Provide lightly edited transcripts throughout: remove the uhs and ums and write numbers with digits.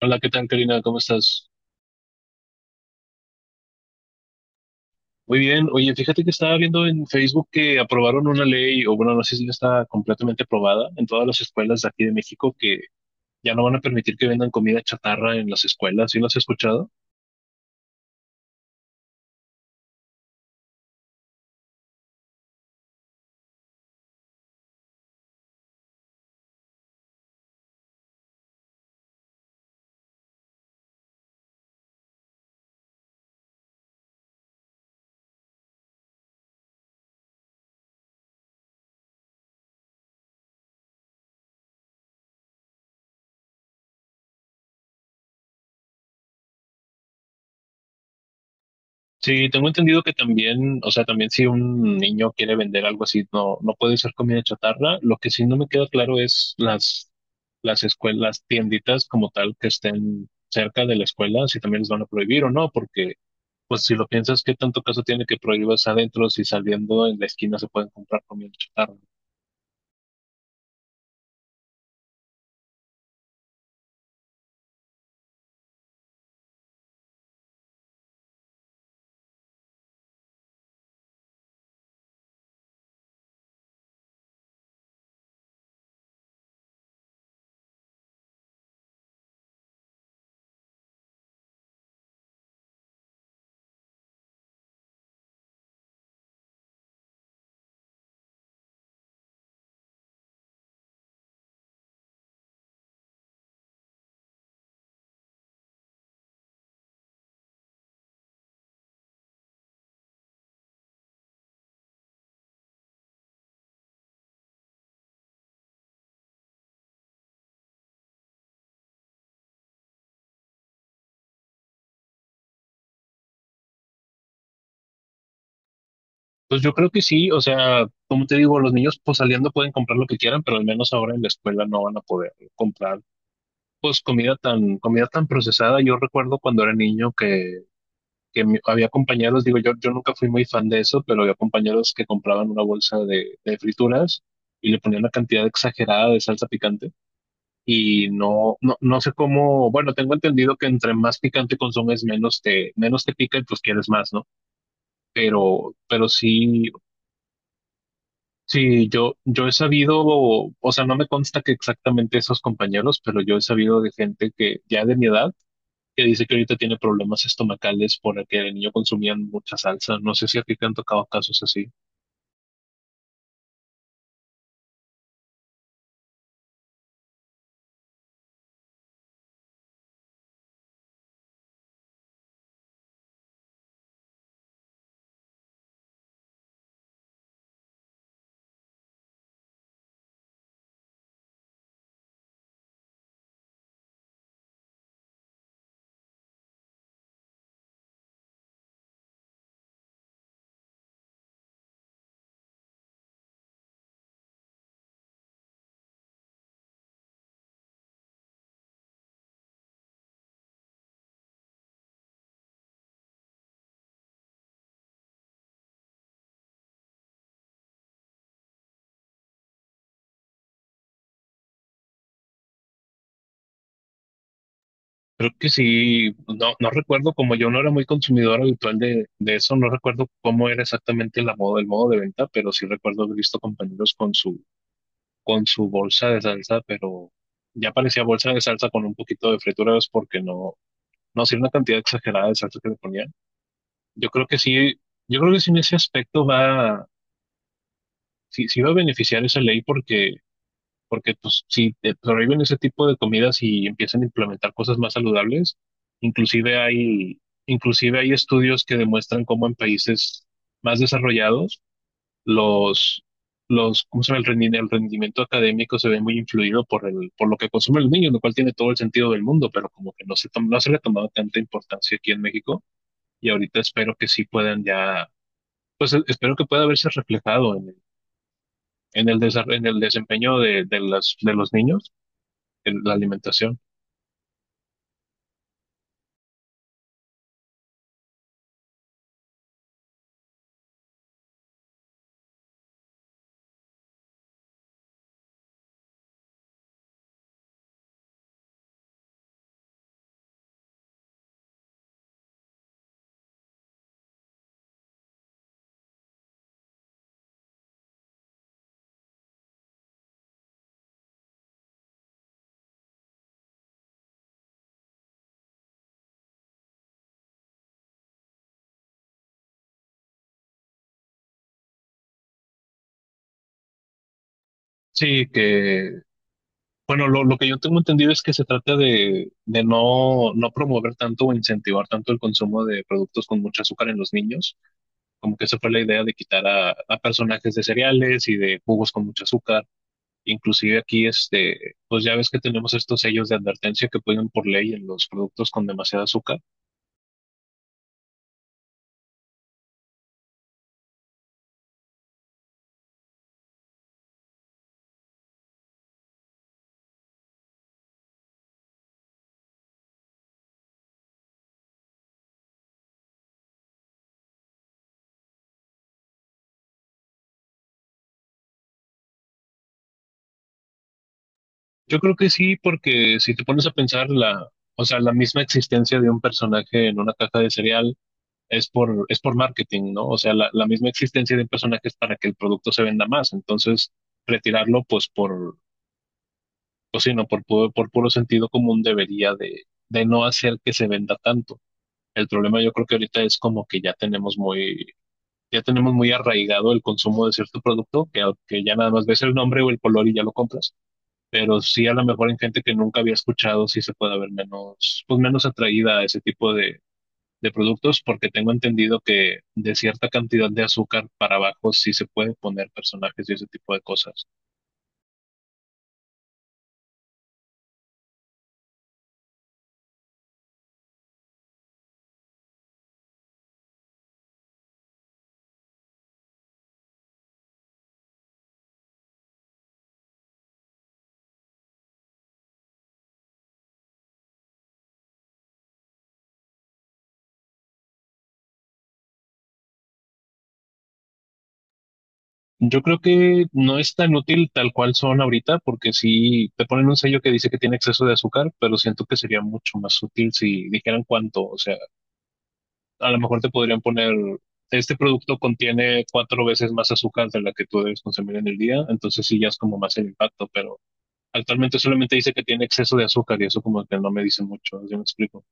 Hola, ¿qué tal, Karina? ¿Cómo estás? Muy bien. Oye, fíjate que estaba viendo en Facebook que aprobaron una ley, o bueno, no sé si ya está completamente aprobada en todas las escuelas de aquí de México, que ya no van a permitir que vendan comida chatarra en las escuelas. ¿Sí lo has escuchado? Sí, tengo entendido que también, o sea, también si un niño quiere vender algo así, no puede ser comida chatarra. Lo que sí no me queda claro es las escuelas, las tienditas como tal que estén cerca de la escuela, si también les van a prohibir o no, porque pues si lo piensas, ¿qué tanto caso tiene que prohíbas adentro si saliendo en la esquina se pueden comprar comida chatarra? Pues yo creo que sí, o sea, como te digo, los niños pues saliendo pueden comprar lo que quieran, pero al menos ahora en la escuela no van a poder comprar pues comida tan procesada. Yo recuerdo cuando era niño que había compañeros, digo, yo nunca fui muy fan de eso, pero había compañeros que compraban una bolsa de frituras y le ponían una cantidad exagerada de salsa picante y no sé cómo, bueno, tengo entendido que entre más picante consumes, menos te pica y pues quieres más, ¿no? Pero sí, sí, yo he sabido, o sea, no me consta que exactamente esos compañeros, pero yo he sabido de gente que ya de mi edad, que dice que ahorita tiene problemas estomacales por el que de niño consumían mucha salsa. No sé si a ti te han tocado casos así. Creo que sí, no, no recuerdo, como yo no era muy consumidor habitual de eso, no recuerdo cómo era exactamente la moda, el modo de venta, pero sí recuerdo haber visto compañeros con con su bolsa de salsa, pero ya parecía bolsa de salsa con un poquito de frituras porque no, sí era una cantidad exagerada de salsa que le ponían. Yo creo que sí, yo creo que sí en ese aspecto va, sí, sí va a beneficiar esa ley porque porque pues si te prohíben ese tipo de comidas y empiezan a implementar cosas más saludables, inclusive hay, inclusive hay estudios que demuestran cómo en países más desarrollados los, ¿cómo se llama? El rendimiento académico se ve muy influido por por lo que consumen los niños, lo cual tiene todo el sentido del mundo, pero como que no se, no se le ha tomado tanta importancia aquí en México y ahorita espero que sí puedan ya, pues espero que pueda verse reflejado en el, en el desempeño de de los niños la alimentación. Sí, que, bueno, lo que yo tengo entendido es que se trata de no, no promover tanto o incentivar tanto el consumo de productos con mucho azúcar en los niños, como que esa fue la idea de quitar a personajes de cereales y de jugos con mucho azúcar. Inclusive aquí, este, pues ya ves que tenemos estos sellos de advertencia que ponen por ley en los productos con demasiado azúcar. Yo creo que sí, porque si te pones a pensar o sea, la misma existencia de un personaje en una caja de cereal, es por marketing, ¿no? O sea, la misma existencia de un personaje es para que el producto se venda más. Entonces, retirarlo, pues por, pues sí, no, por, por puro sentido común debería de no hacer que se venda tanto. El problema yo creo que ahorita es como que ya tenemos muy arraigado el consumo de cierto producto, que ya nada más ves el nombre o el color y ya lo compras. Pero sí a lo mejor en gente que nunca había escuchado, sí se puede ver menos, pues menos atraída a ese tipo de productos porque tengo entendido que de cierta cantidad de azúcar para abajo sí se puede poner personajes y ese tipo de cosas. Yo creo que no es tan útil tal cual son ahorita porque si te ponen un sello que dice que tiene exceso de azúcar, pero siento que sería mucho más útil si dijeran cuánto, o sea, a lo mejor te podrían poner este producto contiene cuatro veces más azúcar de la que tú debes consumir en el día, entonces sí ya es como más el impacto, pero actualmente solamente dice que tiene exceso de azúcar y eso como que no me dice mucho, ¿sí me explico?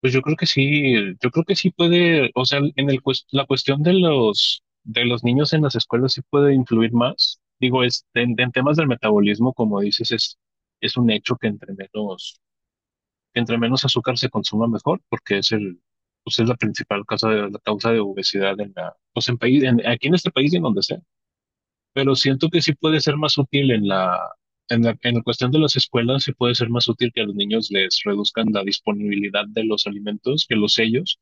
Pues yo creo que sí, yo creo que sí puede, o sea, en el la cuestión de los niños en las escuelas sí puede influir más. Digo, es en temas del metabolismo, como dices, es un hecho que entre menos azúcar se consuma mejor, porque es el pues es la principal causa de la causa de obesidad en la pues aquí en este país y en donde sea. Pero siento que sí puede ser más útil en la en la, en la cuestión de las escuelas, sí puede ser más útil que a los niños les reduzcan la disponibilidad de los alimentos, que los sellos,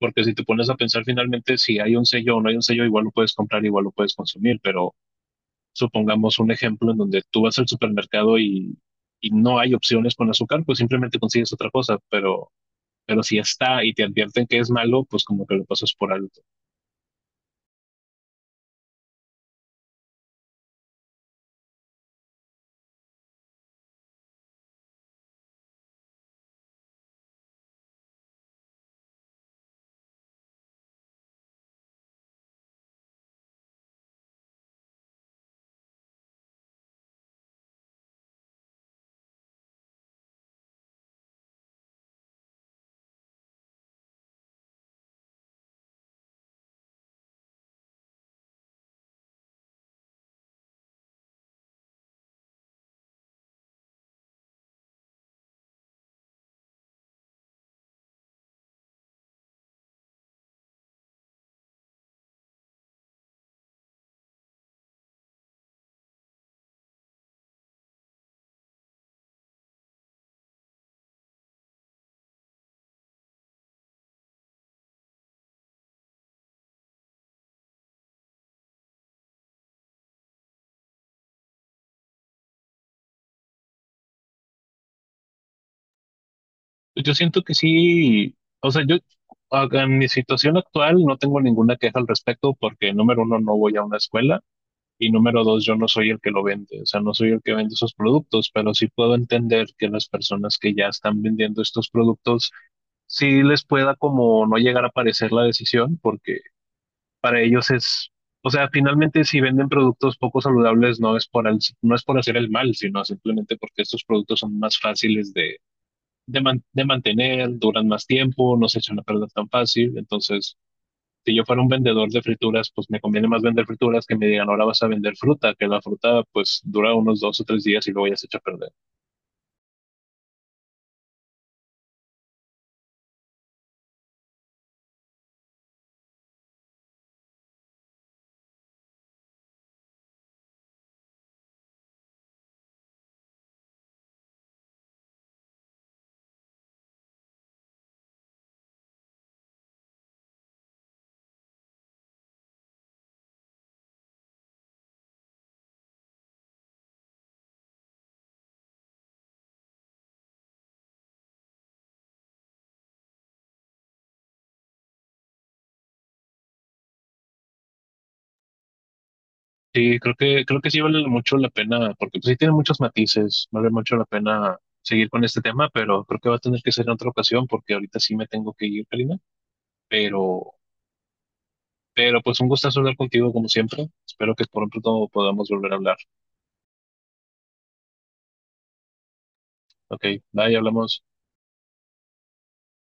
porque si te pones a pensar finalmente si hay un sello o no hay un sello, igual lo puedes comprar, igual lo puedes consumir, pero supongamos un ejemplo en donde tú vas al supermercado y no hay opciones con azúcar, pues simplemente consigues otra cosa, pero si está y te advierten que es malo, pues como que lo pasas por alto. Yo siento que sí, o sea, en mi situación actual no tengo ninguna queja al respecto porque número uno no voy a una escuela. Y número dos, yo no soy el que lo vende, o sea, no soy el que vende esos productos, pero sí puedo entender que las personas que ya están vendiendo estos productos, sí les pueda como no llegar a parecer la decisión, porque para ellos es, o sea, finalmente si venden productos poco saludables no es por, no es por hacer el mal, sino simplemente porque estos productos son más fáciles de mantener, duran más tiempo, no se echan a perder tan fácil, entonces si yo fuera un vendedor de frituras, pues me conviene más vender frituras que me digan, ahora vas a vender fruta, que la fruta pues dura unos dos o tres días y luego ya se echa a perder. Sí, creo que sí vale mucho la pena, porque pues, sí tiene muchos matices, vale mucho la pena seguir con este tema, pero creo que va a tener que ser en otra ocasión, porque ahorita sí me tengo que ir, Karina, pero... Pero pues un gustazo hablar contigo como siempre. Espero que por pronto podamos volver a hablar. Ok, bye, hablamos.